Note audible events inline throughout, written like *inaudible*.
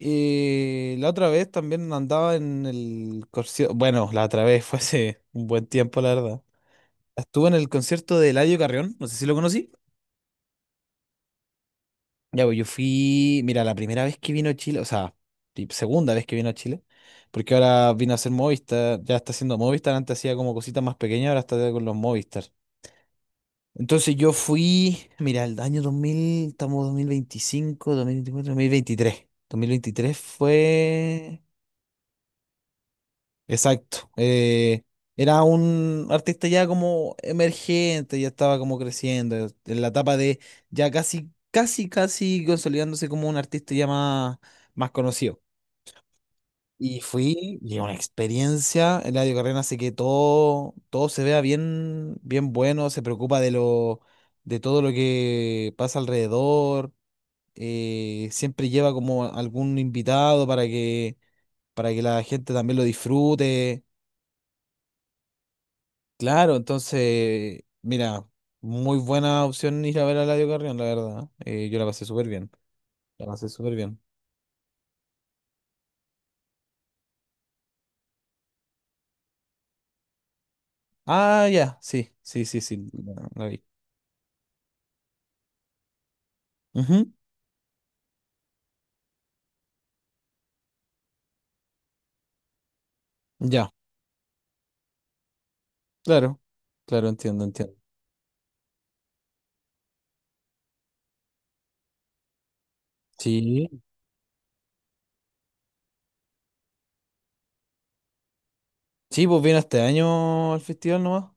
Y la otra vez también andaba en el concierto, bueno, la otra vez *laughs* fue hace un buen tiempo, la verdad. Estuve en el concierto de Eladio Carrión, no sé si lo conocí. Ya, pues yo fui, mira, la primera vez que vino a Chile, o sea, y segunda vez que vino a Chile, porque ahora vino a hacer Movistar, ya está haciendo Movistar, antes hacía como cositas más pequeñas, ahora está con los Movistar. Entonces yo fui, mira, el año 2000 estamos dos mil veinticinco veinticuatro veintitrés dos mil veintitrés fue. Exacto. Era un artista ya como emergente, ya estaba como creciendo, en la etapa de ya casi consolidándose como un artista ya más, más conocido. Y fui, y una experiencia, Eladio Carrera hace que todo se vea bien, bien bueno, se preocupa de todo lo que pasa alrededor, siempre lleva como algún invitado para para que la gente también lo disfrute. Claro, entonces, mira, muy buena opción ir a ver a Eladio Carrión, la verdad. Yo la pasé súper bien. La pasé súper bien. Ah, ya, sí, sí, sí, sí, la vi. Ujú. Ya, claro, claro, entiendo, entiendo. Sí, sí, pues vino este año al festival nomás.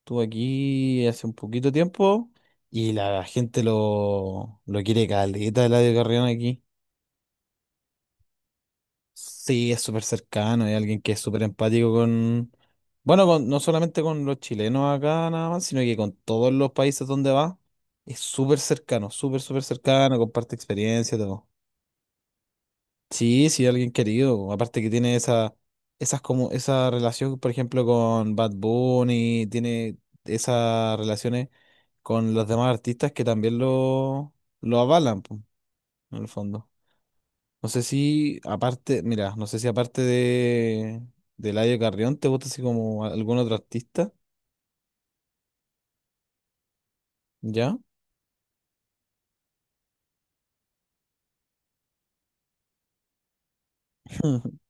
Estuvo aquí hace un poquito tiempo y la gente lo quiere caleta, Eladio Carrión aquí. Sí, es súper cercano, hay alguien que es súper empático con, bueno, no solamente con los chilenos acá nada más, sino que con todos los países donde va, es súper cercano, súper, súper cercano, comparte experiencias, todo. Sí, sí, alguien querido, aparte que tiene esas como, esa relación, por ejemplo, con Bad Bunny, tiene esas relaciones con los demás artistas que también lo avalan, po, en el fondo. No sé si aparte, mira, no sé si aparte de Eladio Carrión, ¿te gusta así como algún otro artista? ¿Ya? *laughs*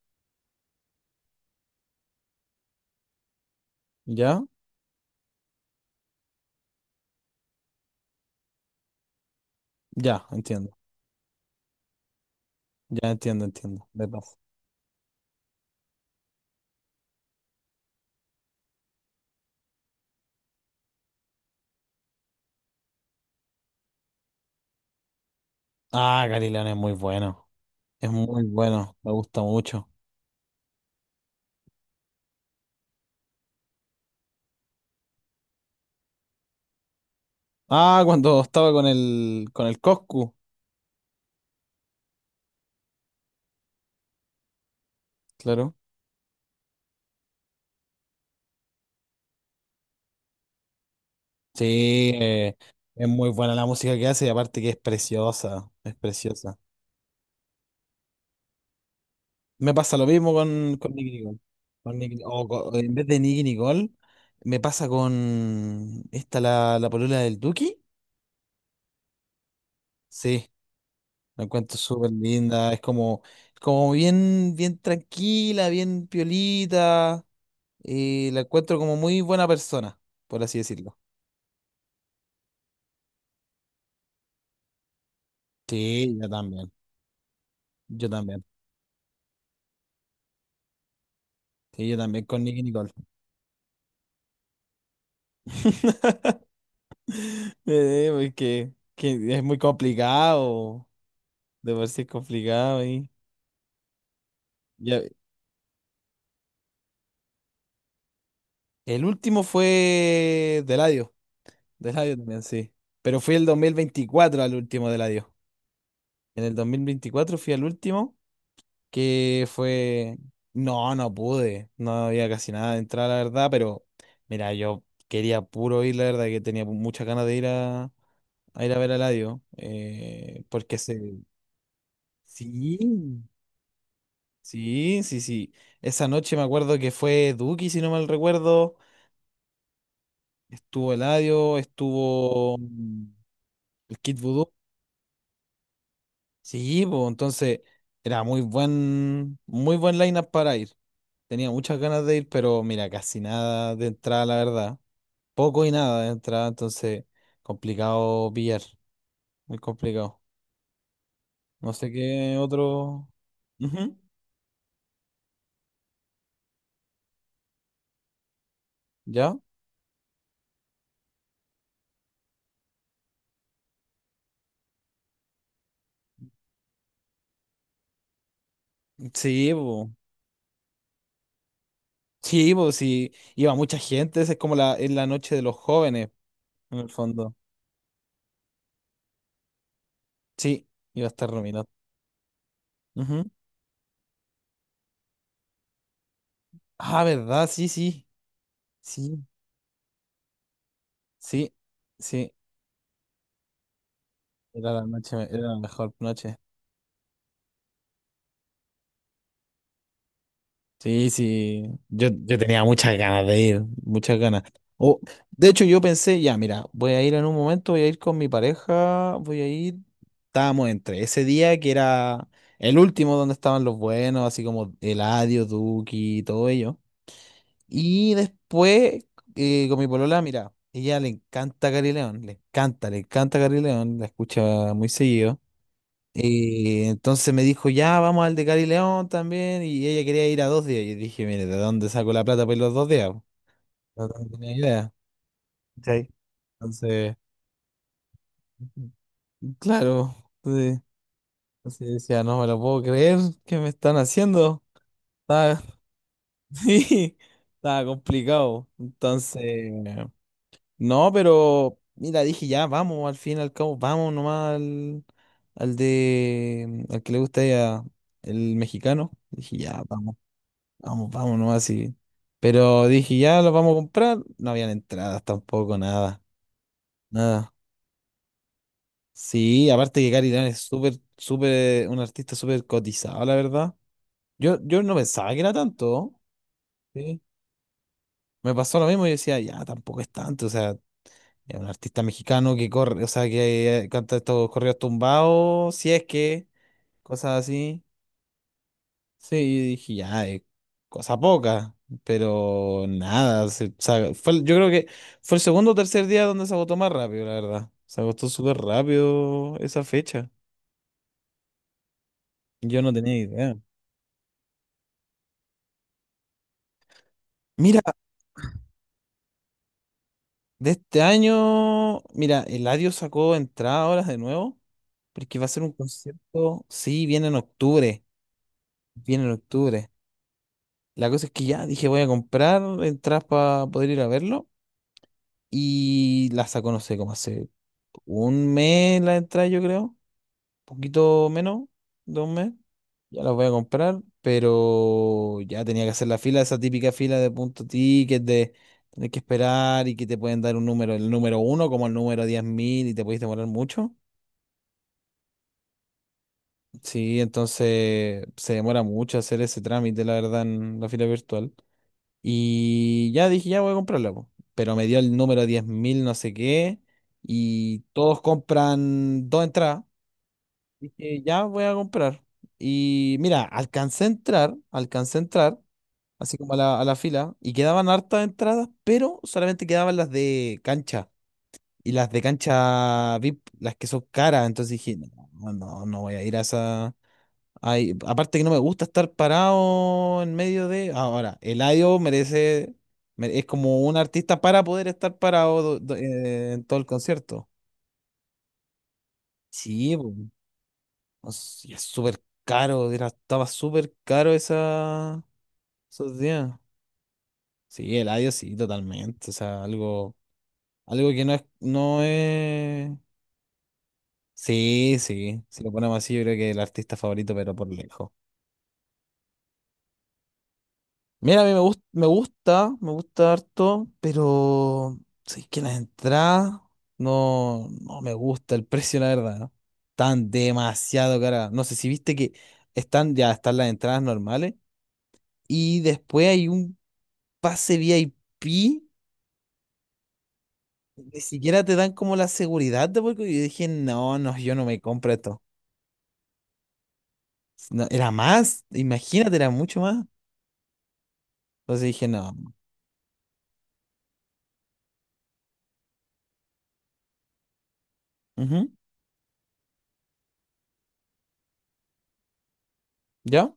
¿Ya? Ya, entiendo. Ya entiendo, entiendo. De paso. Ah, Gary León es muy bueno. Es muy bueno. Me gusta mucho. Ah, cuando estaba con el Coscu, claro. Sí, es muy buena la música que hace y aparte que es preciosa. Es preciosa. Me pasa lo mismo con Nicki Nicole. Con en vez de Nicki Nicole, me pasa con esta, la polola del Duki. Sí, la encuentro súper linda. Es como, como bien, bien tranquila, bien piolita. Y la encuentro como muy buena persona, por así decirlo. Sí, yo también. Yo también. Sí, yo también con Nicki Nicole. *laughs* Porque que es muy complicado. De por sí es complicado ahí. El último fue de Eladio también, sí. Pero fui el 2024 al último de Eladio. En el 2024 fui al último, que fue... No, no pude. No había casi nada de entrada, la verdad, pero mira, yo quería puro ir, la verdad, que tenía muchas ganas de ir a ir a ver a Eladio. Porque se... Sí, sí, sí, sí. Esa noche me acuerdo que fue Duki, si no mal recuerdo. Estuvo Eladio, estuvo... El Kid Voodoo. Sí, pues entonces era muy buen lineup para ir. Tenía muchas ganas de ir, pero mira, casi nada de entrada, la verdad. Poco y nada de entrada, entonces complicado pillar. Muy complicado. No sé qué otro. Ujú. ¿Ya? Sí, pues. Sí, pues sí. Iba mucha gente. Esa es como es la noche de los jóvenes, en el fondo. Sí, iba a estar Romina. Ujú. Ah, ¿verdad? Sí, sí. Sí, sí, sí. Era la noche, era la mejor noche. Sí, sí, yo tenía muchas ganas de ir, muchas ganas. O, de hecho, yo pensé, ya, mira, voy a ir en un momento, voy a ir con mi pareja, voy a ir. Estábamos entre ese día que era el último donde estaban los buenos, así como Eladio, Duki, todo ello. Y después, con mi polola, mira, ella le encanta Gary León, le encanta Gary León, la escucha muy seguido. Y entonces me dijo, ya, vamos al de Cari León también. Y ella quería ir a dos días. Y yo dije, mire, ¿de dónde saco la plata para ir los dos días? No tenía idea. Sí. Entonces, claro. Entonces, entonces decía, no me lo puedo creer, ¿qué me están haciendo? Estaba, *laughs* sí, estaba complicado. Entonces, no, pero mira, dije, ya, vamos, al fin y al cabo, vamos nomás al que le gusta a ella, el mexicano. Dije, ya, vamos. Vamos, vamos nomás así. Pero dije, ya los vamos a comprar. No habían entradas tampoco, nada. Nada. Sí, aparte que Cari Lan es súper, súper, un artista súper cotizado, la verdad. Yo no pensaba que era tanto. Sí. Me pasó lo mismo y decía, ya, tampoco es tanto. O sea, es un artista mexicano que corre, o sea, que canta estos correos tumbados, si es que, cosas así. Sí, yo dije, ya, cosa poca, pero nada, fue, yo creo que fue el segundo o tercer día donde se agotó más rápido, la verdad. Se agotó súper rápido esa fecha. Yo no tenía idea. Mira, de este año, mira, Eladio sacó entrada ahora de nuevo, porque va a ser un concierto, sí, viene en octubre, viene en octubre. La cosa es que ya dije, voy a comprar entradas para poder ir a verlo, y las sacó, no sé, cómo hace. Un mes la entrada, yo creo. Un poquito menos de un mes. Ya las voy a comprar, pero ya tenía que hacer la fila, esa típica fila de punto ticket, de tener que esperar y que te pueden dar un número, el número uno como el número 10.000 y te podéis demorar mucho. Sí, entonces se demora mucho hacer ese trámite, la verdad, en la fila virtual. Y ya dije, ya voy a comprarla, po. Pero me dio el número 10.000 no sé qué y todos compran dos entradas. Dije, ya voy a comprar. Y mira, alcancé a entrar, así como a la fila, y quedaban hartas entradas, pero solamente quedaban las de cancha. Y las de cancha VIP, las que son caras. Entonces dije, no voy a ir a esa. Ay, aparte que no me gusta estar parado en medio de. Ahora, Eladio merece. Es como un artista para poder estar parado en todo el concierto. Sí, po. No sé, y es súper caro, estaba súper caro esos días. Sí, el audio sí, totalmente. O sea, algo, algo que no es, no es. Sí, sí. Si lo ponemos así, yo creo que el artista favorito, pero por lejos. Mira, a mí me gusta, me gusta, me gusta harto, pero sí que las entradas no, no me gusta el precio, la verdad, ¿no? Están demasiado caras. No sé si viste que están, ya están las entradas normales. Y después hay un pase VIP, ni siquiera te dan como la seguridad de porque yo dije, no, no, yo no me compro esto. No, era más, imagínate, era mucho más. Entonces dije, no. Ujú. ¿Ya?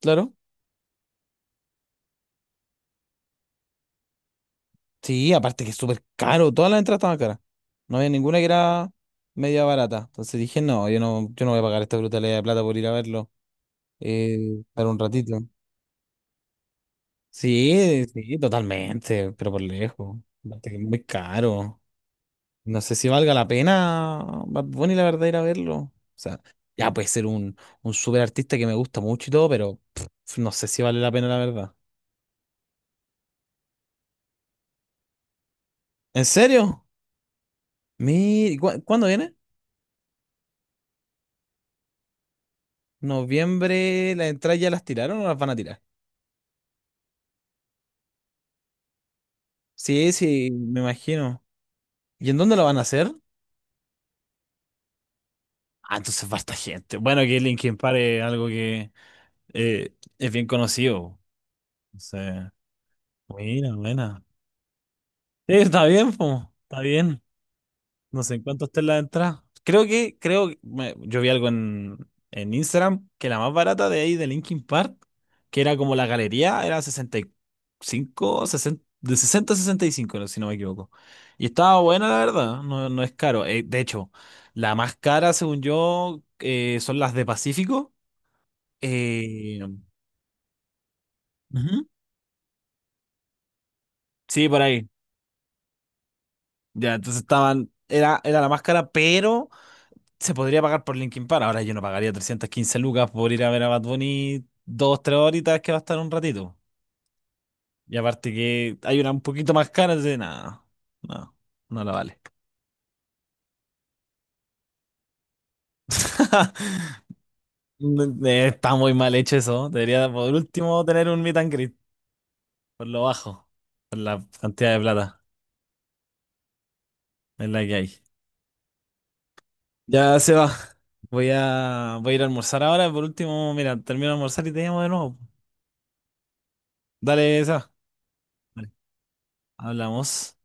Claro. Sí, aparte que es súper caro, todas las entradas estaban caras. No había ninguna que era media barata. Entonces dije, no, yo no, yo no voy a pagar esta brutalidad de plata por ir a verlo, para un ratito. Sí, sí, totalmente, pero por lejos. Aparte que es muy caro. No sé si valga la pena Bad Bunny, la verdad, ir a verlo. O sea, ya puede ser un súper artista que me gusta mucho y todo, pero pff, no sé si vale la pena, la verdad. ¿En serio? Mi... ¿Cuándo viene? Noviembre, ¿las entradas ya las tiraron o las van a tirar? Sí, sí, me imagino. ¿Y en dónde lo van a hacer? Ah, entonces falta gente. Bueno, que Linkin Park es algo que eh, es bien conocido. O sea, buena, buena. Sí, está bien, po, está bien. No sé en cuánto está la entrada. Creo que yo vi algo en Instagram que la más barata de ahí de Linkin Park, que era como la galería, era sesenta y cinco sesenta de 60 a 65, no- si no me equivoco. Y estaba buena, la verdad, no, no es caro. De hecho, la más cara, según yo, son las de Pacífico. Eh, ujú. Sí, por ahí. Ya, entonces estaban, era, era la más cara, pero se podría pagar por Linkin Park. Ahora yo no pagaría 315 lucas por ir a ver a Bad Bunny dos, tres horitas que va a estar un ratito. Y aparte que hay una un poquito más cara, de nada, no, no la vale. *laughs* Está muy mal hecho eso. Debería por último tener un meet and greet, por lo bajo. Cantidad de plata es la que hay. Ya se va. Voy a, voy a ir a almorzar ahora. Por último, mira, termino de almorzar y te llamo de nuevo. Dale, Seba. Vale, hablamos.